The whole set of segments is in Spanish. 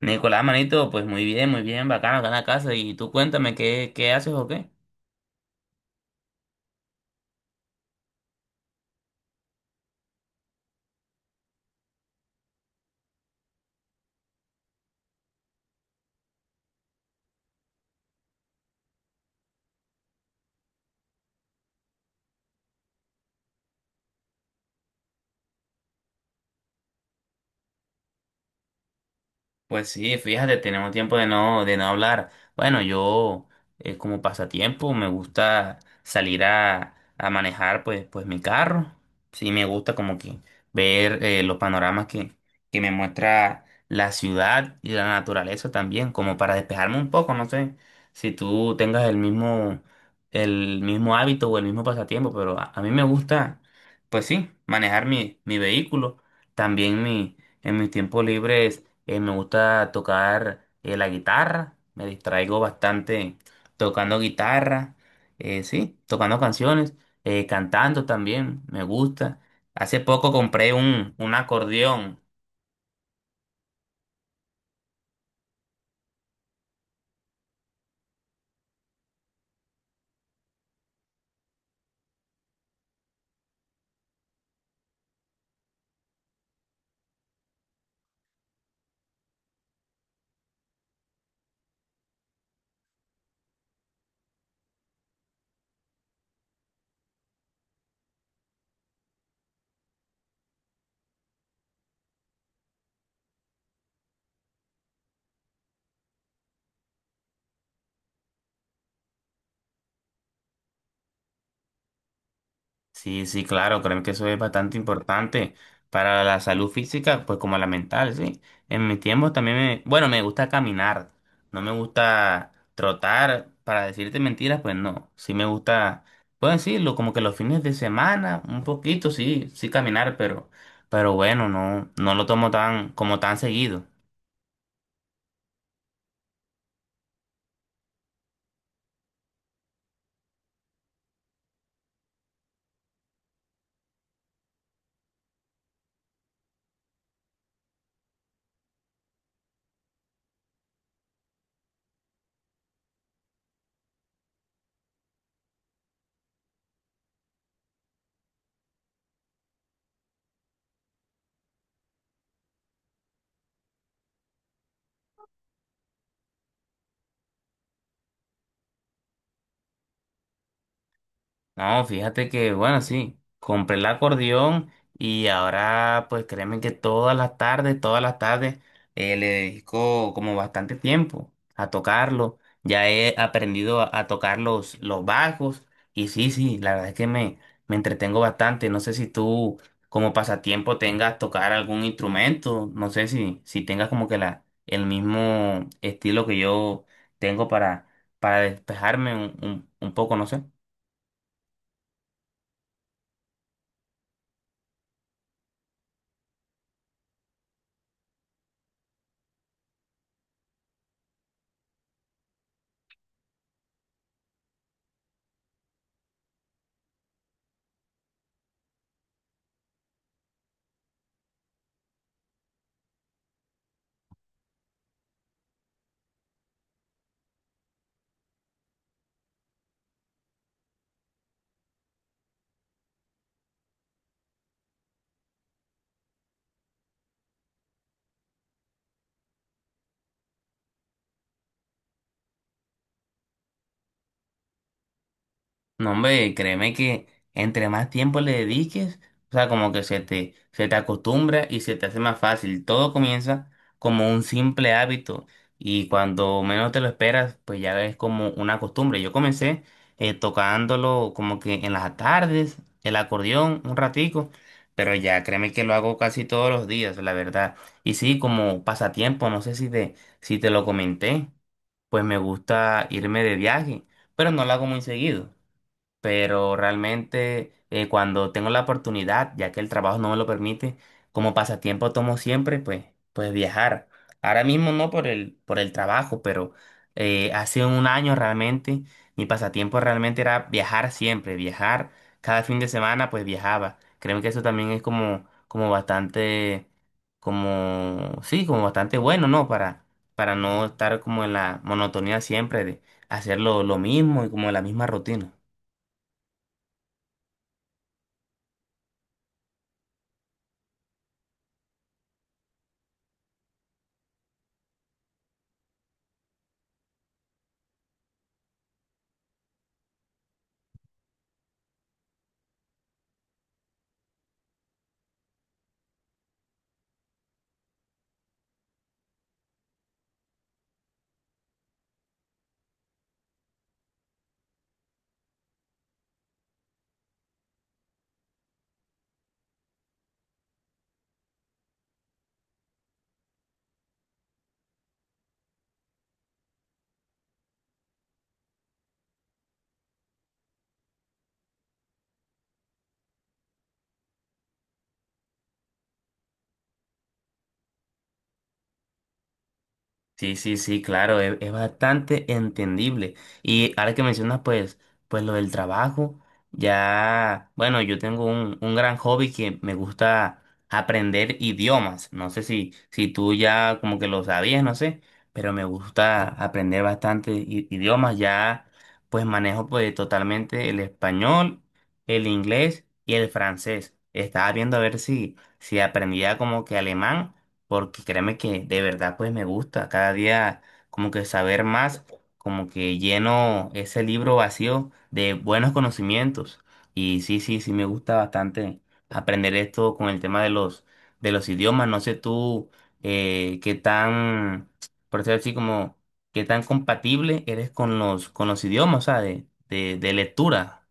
Nicolás, manito, pues muy bien, bacano acá en la casa. Y tú cuéntame, ¿qué haces o qué? Pues sí, fíjate, tenemos tiempo de no hablar. Bueno, yo como pasatiempo me gusta salir a manejar pues mi carro. Sí, me gusta como que ver los panoramas que me muestra la ciudad y la naturaleza también, como para despejarme un poco. No sé si tú tengas el mismo hábito o el mismo pasatiempo, pero a mí me gusta, pues sí, manejar mi vehículo, también mi en mis tiempos libres me gusta tocar la guitarra, me distraigo bastante tocando guitarra, sí, tocando canciones, cantando también, me gusta. Hace poco compré un acordeón. Sí, sí, claro, creo que eso es bastante importante para la salud física, pues como la mental, sí. En mi tiempo también me, bueno, me gusta caminar, no me gusta trotar, para decirte mentiras, pues no, sí me gusta, puedo decirlo, como que los fines de semana, un poquito, sí, sí caminar, pero bueno, no, no lo tomo tan, como tan seguido. No, fíjate que, bueno, sí, compré el acordeón y ahora, pues créeme que todas las tardes, le dedico como bastante tiempo a tocarlo. Ya he aprendido a tocar los bajos y sí, sí, la verdad es que me entretengo bastante. No sé si tú como pasatiempo tengas tocar algún instrumento, no sé si tengas como que la, el mismo estilo que yo tengo para despejarme un, un poco, no sé. No, hombre, créeme que entre más tiempo le dediques, o sea, como que se te acostumbra y se te hace más fácil. Todo comienza como un simple hábito y cuando menos te lo esperas, pues ya es como una costumbre. Yo comencé tocándolo como que en las tardes, el acordeón, un ratico, pero ya créeme que lo hago casi todos los días, la verdad. Y sí, como pasatiempo, no sé si te lo comenté, pues me gusta irme de viaje, pero no lo hago muy seguido, pero realmente cuando tengo la oportunidad, ya que el trabajo no me lo permite, como pasatiempo tomo siempre, pues, pues viajar. Ahora mismo no por el trabajo, pero hace un año realmente mi pasatiempo realmente era viajar siempre, viajar. Cada fin de semana pues viajaba. Creo que eso también es como, como bastante, como, sí, como bastante bueno, ¿no? Para no estar como en la monotonía siempre de hacer lo mismo y como la misma rutina. Sí, sí, sí, claro, es bastante entendible. Y ahora que mencionas, pues, pues lo del trabajo, ya, bueno, yo tengo un gran hobby que me gusta aprender idiomas. No sé si tú ya como que lo sabías, no sé, pero me gusta aprender bastante idiomas. Ya, pues manejo pues totalmente el español, el inglés y el francés. Estaba viendo a ver si aprendía como que alemán, porque créeme que de verdad pues me gusta cada día como que saber más, como que lleno ese libro vacío de buenos conocimientos. Y sí, sí, sí me gusta bastante aprender esto con el tema de los idiomas. No sé tú qué tan, por decir así como, qué tan compatible eres con los idiomas, o sea, de lectura.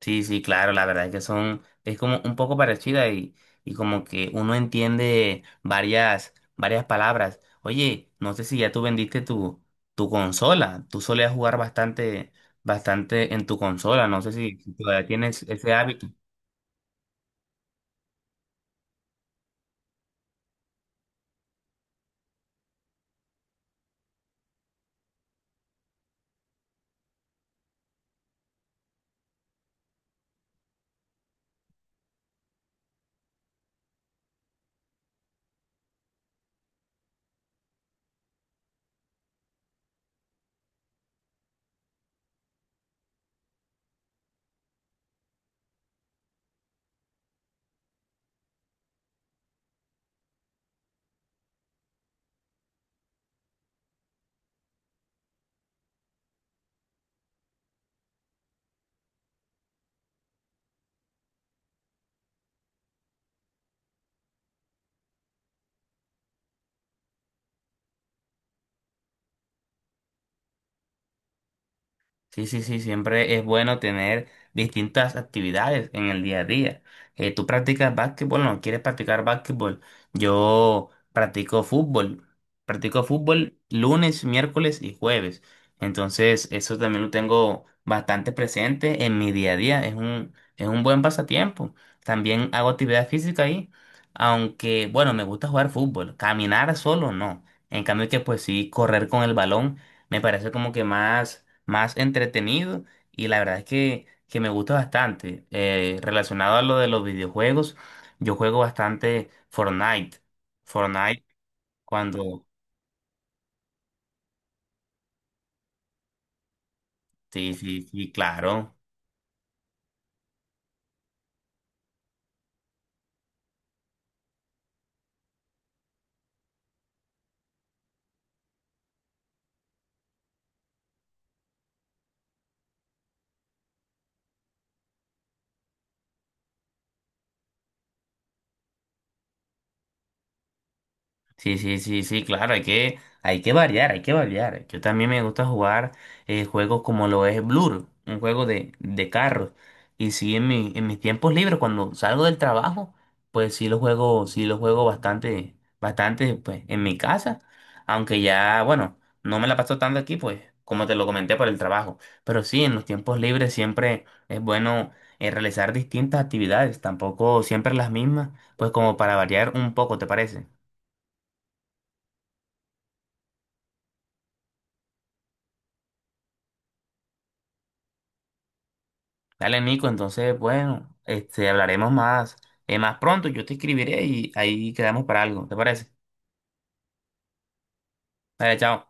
Sí, sí, claro, la verdad es que son, es como un poco parecida y como que uno entiende varias, varias palabras. Oye, no sé si ya tú vendiste tu, tu consola, tú solías jugar bastante, bastante en tu consola, no sé si todavía tienes ese hábito. Sí, sí, sí, siempre es bueno tener distintas actividades en el día a día. ¿Tú practicas básquetbol? ¿No quieres practicar básquetbol? Yo practico fútbol. Practico fútbol lunes, miércoles y jueves. Entonces, eso también lo tengo bastante presente en mi día a día. Es un buen pasatiempo. También hago actividad física ahí, aunque, bueno, me gusta jugar fútbol. Caminar solo, no. En cambio que, pues sí, correr con el balón. Me parece como que más, más entretenido y la verdad es que me gusta bastante. Relacionado a lo de los videojuegos, yo juego bastante Fortnite. Fortnite cuando... Sí, sí, sí, claro. Sí, sí, sí, sí, claro, hay que variar, hay que variar. Yo también me gusta jugar juegos como lo es Blur, un juego de carros. Y sí, en mi, en mis tiempos libres, cuando salgo del trabajo, pues sí lo juego bastante, bastante, pues, en mi casa. Aunque ya, bueno, no me la paso tanto aquí, pues, como te lo comenté por el trabajo. Pero sí, en los tiempos libres siempre es bueno realizar distintas actividades, tampoco siempre las mismas, pues como para variar un poco, ¿te parece? Dale, Nico, entonces, bueno, este, hablaremos más, más pronto. Yo te escribiré y ahí quedamos para algo. ¿Te parece? Dale, chao.